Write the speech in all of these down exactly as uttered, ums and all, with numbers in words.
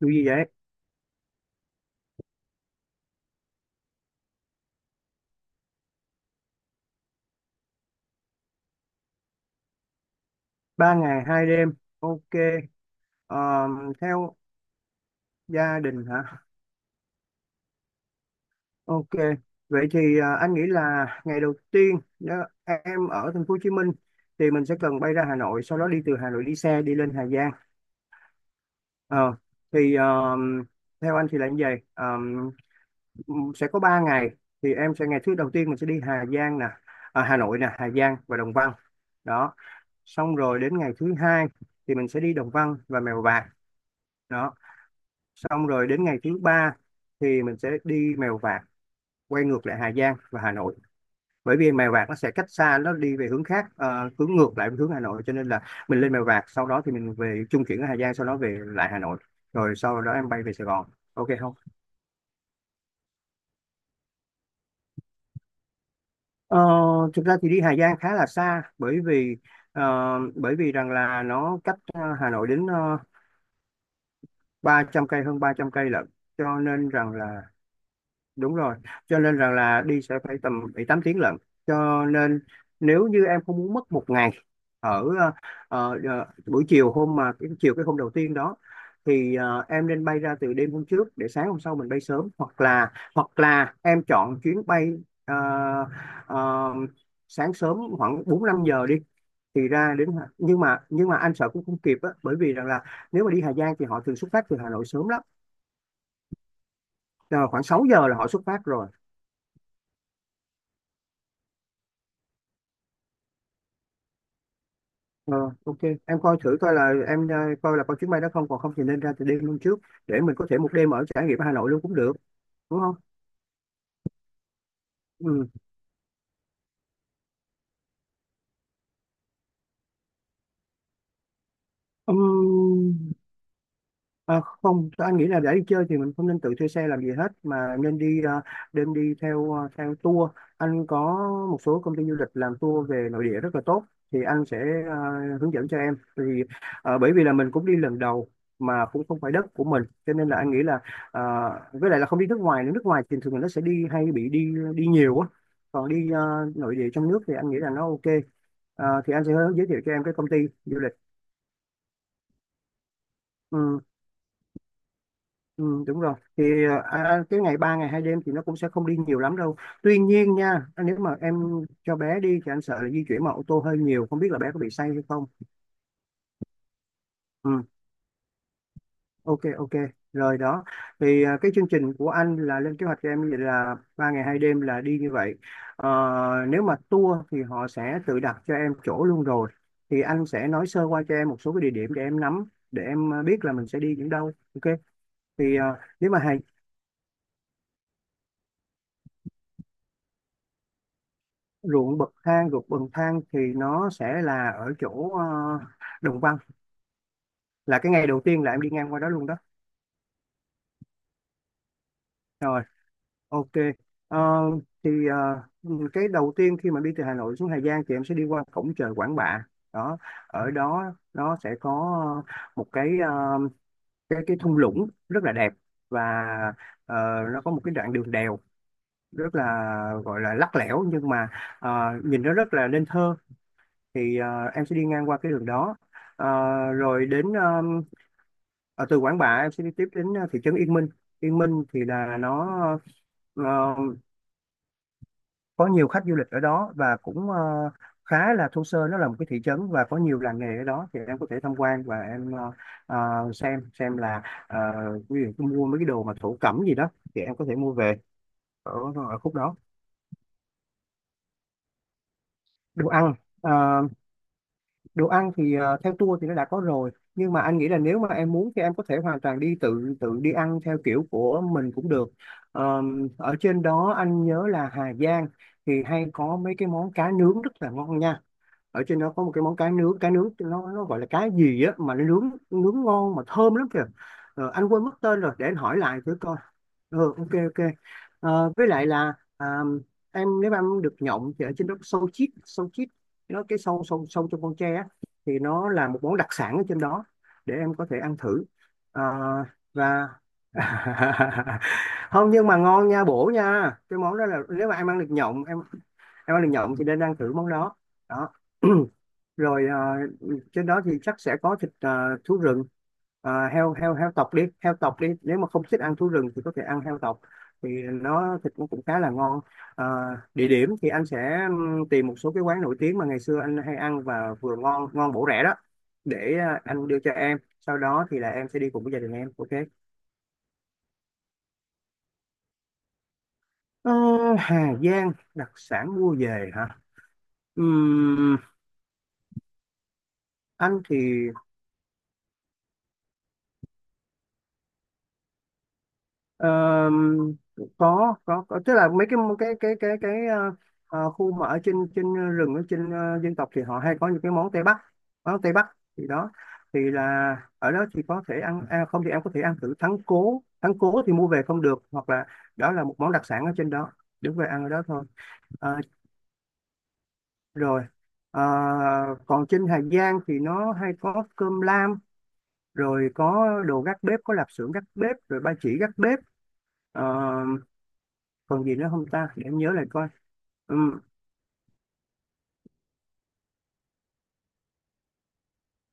Điều gì vậy? Ba ngày hai đêm. Ok. Ờ, theo gia đình hả? Ok. Vậy thì ờ, anh nghĩ là ngày đầu tiên nếu em ở thành phố Hồ Chí Minh thì mình sẽ cần bay ra Hà Nội, sau đó đi từ Hà Nội đi xe đi lên Hà Giang. Ờ, thì ờ, theo anh thì là như vậy. Ờ, sẽ có ba ngày. Thì em sẽ ngày thứ đầu tiên mình sẽ đi Hà Giang nè, à, Hà Nội nè, Hà Giang và Đồng Văn. Đó. Xong rồi đến ngày thứ hai thì mình sẽ đi Đồng Văn và Mèo Vạc. Đó, xong rồi đến ngày thứ ba thì mình sẽ đi Mèo Vạc quay ngược lại Hà Giang và Hà Nội, bởi vì Mèo Vạc nó sẽ cách xa, nó đi về hướng khác, ờ, hướng ngược lại hướng Hà Nội, cho nên là mình lên Mèo Vạc sau đó thì mình về trung chuyển ở Hà Giang, sau đó về lại Hà Nội, rồi sau đó em bay về Sài Gòn. Ok không? ờ, Thực ra thì đi Hà Giang khá là xa, bởi vì ờ, bởi vì rằng là nó cách ờ, Hà Nội đến ờ, ba trăm cây, hơn ba trăm cây lận, cho nên rằng là, đúng rồi, cho nên rằng là đi sẽ phải tầm bảy tám tiếng lận, cho nên nếu như em không muốn mất một ngày ở ờ, ờ, ờ, buổi chiều hôm mà cái chiều cái hôm đầu tiên đó, thì ờ, em nên bay ra từ đêm hôm trước để sáng hôm sau mình bay sớm, hoặc là hoặc là em chọn chuyến bay ờ, ờ, sáng sớm khoảng bốn năm giờ đi thì ra đến, nhưng mà nhưng mà anh sợ cũng không kịp á, bởi vì rằng là nếu mà đi Hà Giang thì họ thường xuất phát từ Hà Nội sớm lắm. Ờ, Khoảng sáu giờ là họ xuất phát rồi. Ờ, ok, em coi thử coi là em ờ, coi là có chuyến bay đó không, còn không thì nên ra từ đêm luôn trước, để mình có thể một đêm ở trải nghiệm Hà Nội luôn cũng được, đúng không? Ừ. Ừm, à, không, anh nghĩ là để đi chơi thì mình không nên tự thuê xe làm gì hết, mà nên đi, à, nên đi theo, à, theo tour. Anh có một số công ty du lịch làm tour về nội địa rất là tốt, thì anh sẽ à, hướng dẫn cho em. Thì à, bởi vì là mình cũng đi lần đầu mà cũng không phải đất của mình, cho nên là anh nghĩ là à, với lại là không đi nước ngoài nữa. Nước ngoài thì thường là nó sẽ đi, hay bị đi đi nhiều á. Còn đi à, nội địa trong nước thì anh nghĩ là nó ok. À, thì anh sẽ giới thiệu cho em cái công ty du lịch. Ừ. Ừ, đúng rồi, thì ờ, à, à, cái ngày ba ngày hai đêm thì nó cũng sẽ không đi nhiều lắm đâu, tuy nhiên nha, nếu mà em cho bé đi thì anh sợ là di chuyển bằng ô tô hơi nhiều, không biết là bé có bị say hay không. Ừ, ok ok, rồi đó, thì à, cái chương trình của anh là lên kế hoạch cho em như vậy, là ba ngày hai đêm là đi như vậy. Ờ, Nếu mà tour thì họ sẽ tự đặt cho em chỗ luôn rồi, thì anh sẽ nói sơ qua cho em một số cái địa điểm để em nắm, để em à, biết là mình sẽ đi những đâu. Ok, thì à, nếu mà ruộng bậc thang ruộng bậc thang thì nó sẽ là ở chỗ ờ, Đồng Văn, là cái ngày đầu tiên là em đi ngang qua đó luôn đó. Rồi, ok. Ờ, thì ờ, cái đầu tiên khi mà đi từ Hà Nội xuống Hà Giang thì em sẽ đi qua cổng chợ Quản Bạ, đó, ở đó nó sẽ có ờ, một cái ờ, cái cái thung lũng rất là đẹp, và ờ, nó có một cái đoạn đường đèo rất là, gọi là lắc lẻo, nhưng mà ờ, nhìn nó rất là nên thơ. Thì ờ, em sẽ đi ngang qua cái đường đó. Ờ, Rồi đến, ờ, ở từ Quảng Bạ em sẽ đi tiếp đến ờ, thị trấn Yên Minh. Yên Minh thì là nó ờ, có nhiều khách du lịch ở đó, và cũng ờ, khá là thô sơ, nó là một cái thị trấn và có nhiều làng nghề ở đó, thì em có thể tham quan và em ờ, ờ, xem xem là, ờ, ví dụ như mua mấy cái đồ mà thổ cẩm gì đó thì em có thể mua về ở, ở khúc đó. Đồ ăn, ờ, đồ ăn thì ờ, theo tour thì nó đã có rồi, nhưng mà anh nghĩ là nếu mà em muốn thì em có thể hoàn toàn đi tự, tự đi ăn theo kiểu của mình cũng được. Ờm, ở trên đó anh nhớ là Hà Giang thì hay có mấy cái món cá nướng rất là ngon nha. Ở trên đó có một cái món cá nướng, cá nướng nó nó gọi là cá gì á, mà nó nướng nướng ngon mà thơm lắm kìa. Ờ, anh quên mất tên rồi, để anh hỏi lại thử coi. Ừ, ok ok. Ờ, với lại là à, em, nếu mà em được nhộng thì ở trên đó có sâu chít, sâu chít nó cái sâu sâu sâu trong con tre á, thì nó là một món đặc sản ở trên đó, để em có thể ăn thử. Ờ, và không, nhưng mà ngon nha, bổ nha. Cái món đó là nếu mà em ăn được nhộng, em em ăn được nhộng thì nên ăn thử món đó. Đó. Rồi, ờ, trên đó thì chắc sẽ có thịt, ờ, thú rừng. Ờ, heo heo heo tộc đi, heo tộc đi, nếu mà không thích ăn thú rừng thì có thể ăn heo tộc, thì nó thịt nó cũng khá là ngon. Ờ, Địa điểm thì anh sẽ tìm một số cái quán nổi tiếng mà ngày xưa anh hay ăn và vừa ngon, ngon bổ rẻ đó, để ờ, anh đưa cho em, sau đó thì là em sẽ đi cùng với gia đình em, ok. Ờ, Hà Giang đặc sản mua về hả? Ừm, anh thì Ờ, có có có tức là mấy cái cái cái cái cái ờ, ờ, khu mà ở trên, trên rừng, ở trên ờ, dân tộc thì họ hay có những cái món Tây Bắc, món Tây Bắc thì đó, thì là ở đó thì có thể ăn à, không thì em có thể ăn thử thắng cố, thắng cố thì mua về không được, hoặc là, đó là một món đặc sản ở trên đó, đứng về ăn ở đó thôi. Ờ, Rồi. Ờ, Còn trên Hà Giang thì nó hay có cơm lam, rồi có đồ gác bếp, có lạp xưởng gác bếp, rồi ba chỉ gác bếp. Ờ, Còn gì nữa không ta, để em nhớ lại coi. Ừm,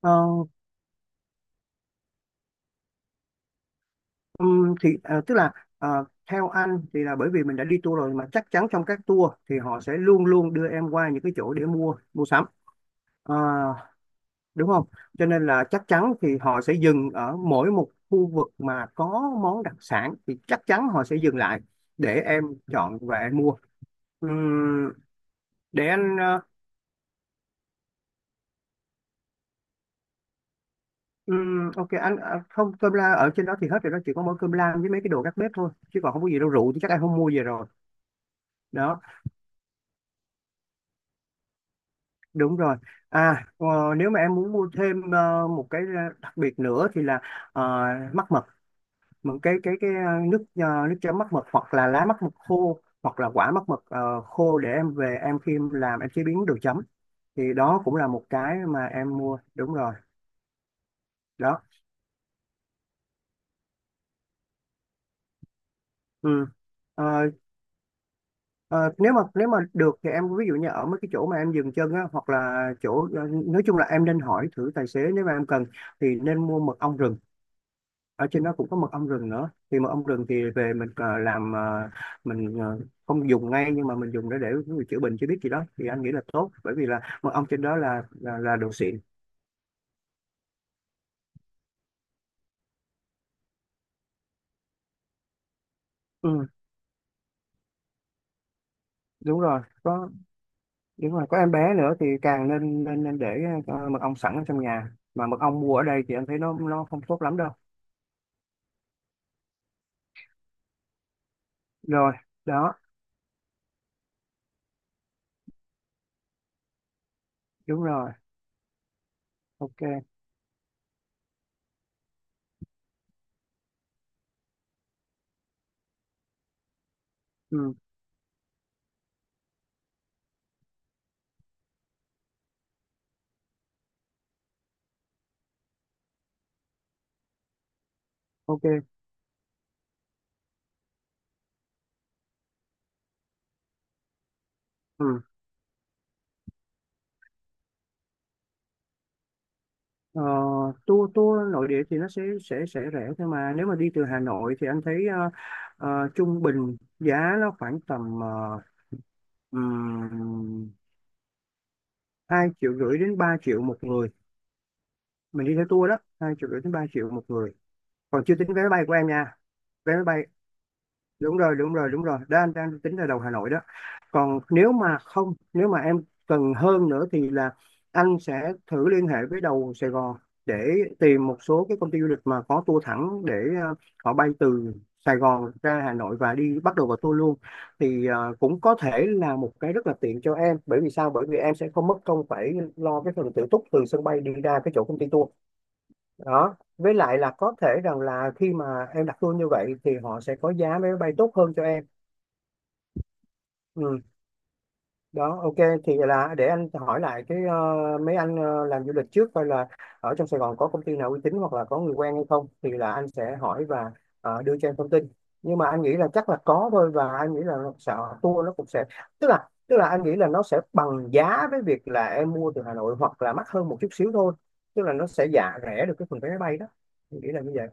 ờ, ừm, thì ờ, tức là ờ, theo anh thì là, bởi vì mình đã đi tour rồi, mà chắc chắn trong các tour thì họ sẽ luôn luôn đưa em qua những cái chỗ để mua mua sắm. Ờ, Đúng không? Cho nên là chắc chắn thì họ sẽ dừng ở mỗi một khu vực mà có món đặc sản, thì chắc chắn họ sẽ dừng lại để em chọn và em mua. Ừm, để anh ờ, ừm, ok. Anh à, không, cơm la ở trên đó thì hết rồi đó, chỉ có mỗi cơm lam với mấy cái đồ gác bếp thôi, chứ còn không có gì đâu, rượu thì chắc em không mua về rồi, đó, đúng rồi. À, ờ, nếu mà em muốn mua thêm ờ, một cái ờ, đặc biệt nữa thì là ờ, mắc mật, một cái cái cái ờ, nước, ờ, nước chấm mắc mật, hoặc là lá mắc mật khô, hoặc là quả mắc mật ờ, khô để em về em, khi em làm em chế biến đồ chấm, thì đó cũng là một cái mà em mua, đúng rồi, đó. Ừ. Ờ, nếu mà nếu mà được thì em, ví dụ như ở mấy cái chỗ mà em dừng chân á, hoặc là chỗ ờ, nói chung là em nên hỏi thử tài xế nếu mà em cần thì nên mua mật ong rừng. Ở trên đó cũng có mật ong rừng nữa, thì mật ong rừng thì về mình ờ, làm ờ, mình ờ, không dùng ngay, nhưng mà mình dùng để để chữa bệnh chữa biết gì đó thì anh nghĩ là tốt, bởi vì là mật ong trên đó là là, là đồ xịn. Ừ, đúng rồi, có. Đúng rồi, có em bé nữa thì càng nên nên, nên để ờ, mật ong sẵn ở trong nhà, mà mật ong mua ở đây thì anh thấy nó nó không tốt lắm đâu. Rồi đó. Đúng rồi. Ok. Ừ, ok. Ừ. ờ, tour tour nội địa thì nó sẽ sẽ sẽ rẻ thôi, mà nếu mà đi từ Hà Nội thì anh thấy ờ, ờ, trung bình giá nó khoảng tầm ờ, ừm, hai triệu rưỡi đến ba triệu một người. Mình đi theo tour đó hai triệu rưỡi đến ba triệu một người, còn chưa tính vé máy bay của em nha. Vé máy bay, đúng rồi đúng rồi đúng rồi đó, anh đang tính ra đầu Hà Nội đó. Còn nếu mà không, nếu mà em cần hơn nữa thì là anh sẽ thử liên hệ với đầu Sài Gòn để tìm một số cái công ty du lịch mà có tour thẳng để ờ, họ bay từ Sài Gòn ra Hà Nội và đi bắt đầu vào tour luôn. Thì ờ, cũng có thể là một cái rất là tiện cho em, bởi vì sao, bởi vì em sẽ không mất công phải lo cái phần tự túc từ sân bay đi ra cái chỗ công ty tour đó. Với lại là có thể rằng là khi mà em đặt tour như vậy thì họ sẽ có giá vé máy bay tốt hơn cho em. Ừ. Đó, ok. Thì là để anh hỏi lại cái ờ, mấy anh ờ, làm du lịch trước coi là ở trong Sài Gòn có công ty nào uy tín hoặc là có người quen hay không, thì là anh sẽ hỏi và ờ, đưa cho em thông tin. Nhưng mà anh nghĩ là chắc là có thôi, và anh nghĩ là nó sẽ tour nó cũng sẽ tức là tức là anh nghĩ là nó sẽ bằng giá với việc là em mua từ Hà Nội, hoặc là mắc hơn một chút xíu thôi, tức là nó sẽ giả rẻ được cái phần vé máy bay đó. Anh nghĩ là như vậy.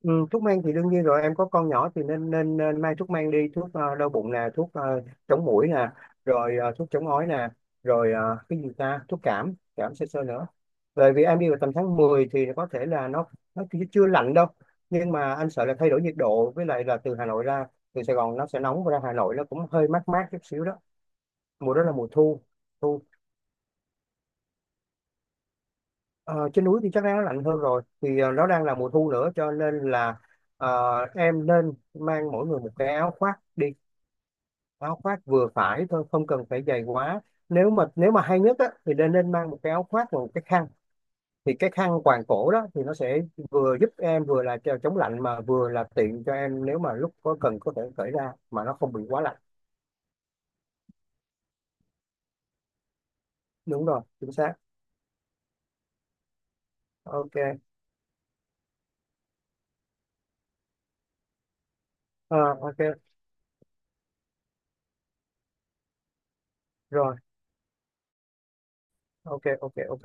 Ừ, thuốc men thì đương nhiên rồi, em có con nhỏ thì nên nên, nên mang thuốc men đi. Thuốc ờ, đau bụng nè, thuốc ờ, chống muỗi nè, rồi ờ, thuốc chống ói nè, rồi ờ, cái gì ta, thuốc cảm cảm sơ sơ nữa. Bởi vì em đi vào tầm tháng mười thì có thể là nó nó chưa chưa lạnh đâu, nhưng mà anh sợ là thay đổi nhiệt độ, với lại là từ Hà Nội ra, từ Sài Gòn nó sẽ nóng và ra Hà Nội nó cũng hơi mát mát chút xíu đó. Mùa đó là mùa thu. Thu. Ờ, trên núi thì chắc đã lạnh hơn rồi, thì ờ, nó đang là mùa thu nữa cho nên là ờ, em nên mang mỗi người một cái áo khoác đi, áo khoác vừa phải thôi không cần phải dày quá. Nếu mà nếu mà hay nhất á, thì nên nên mang một cái áo khoác và một cái khăn, thì cái khăn quàng cổ đó thì nó sẽ vừa giúp em vừa là cho- chống lạnh, mà vừa là tiện cho em nếu mà lúc có cần có thể cởi ra mà nó không bị quá lạnh. Đúng rồi, chính xác. Ok. Ờ, ok. Rồi. Ok ok ok.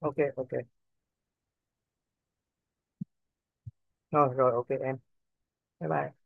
Ok. ok rồi rồi, ok em. Bye bye.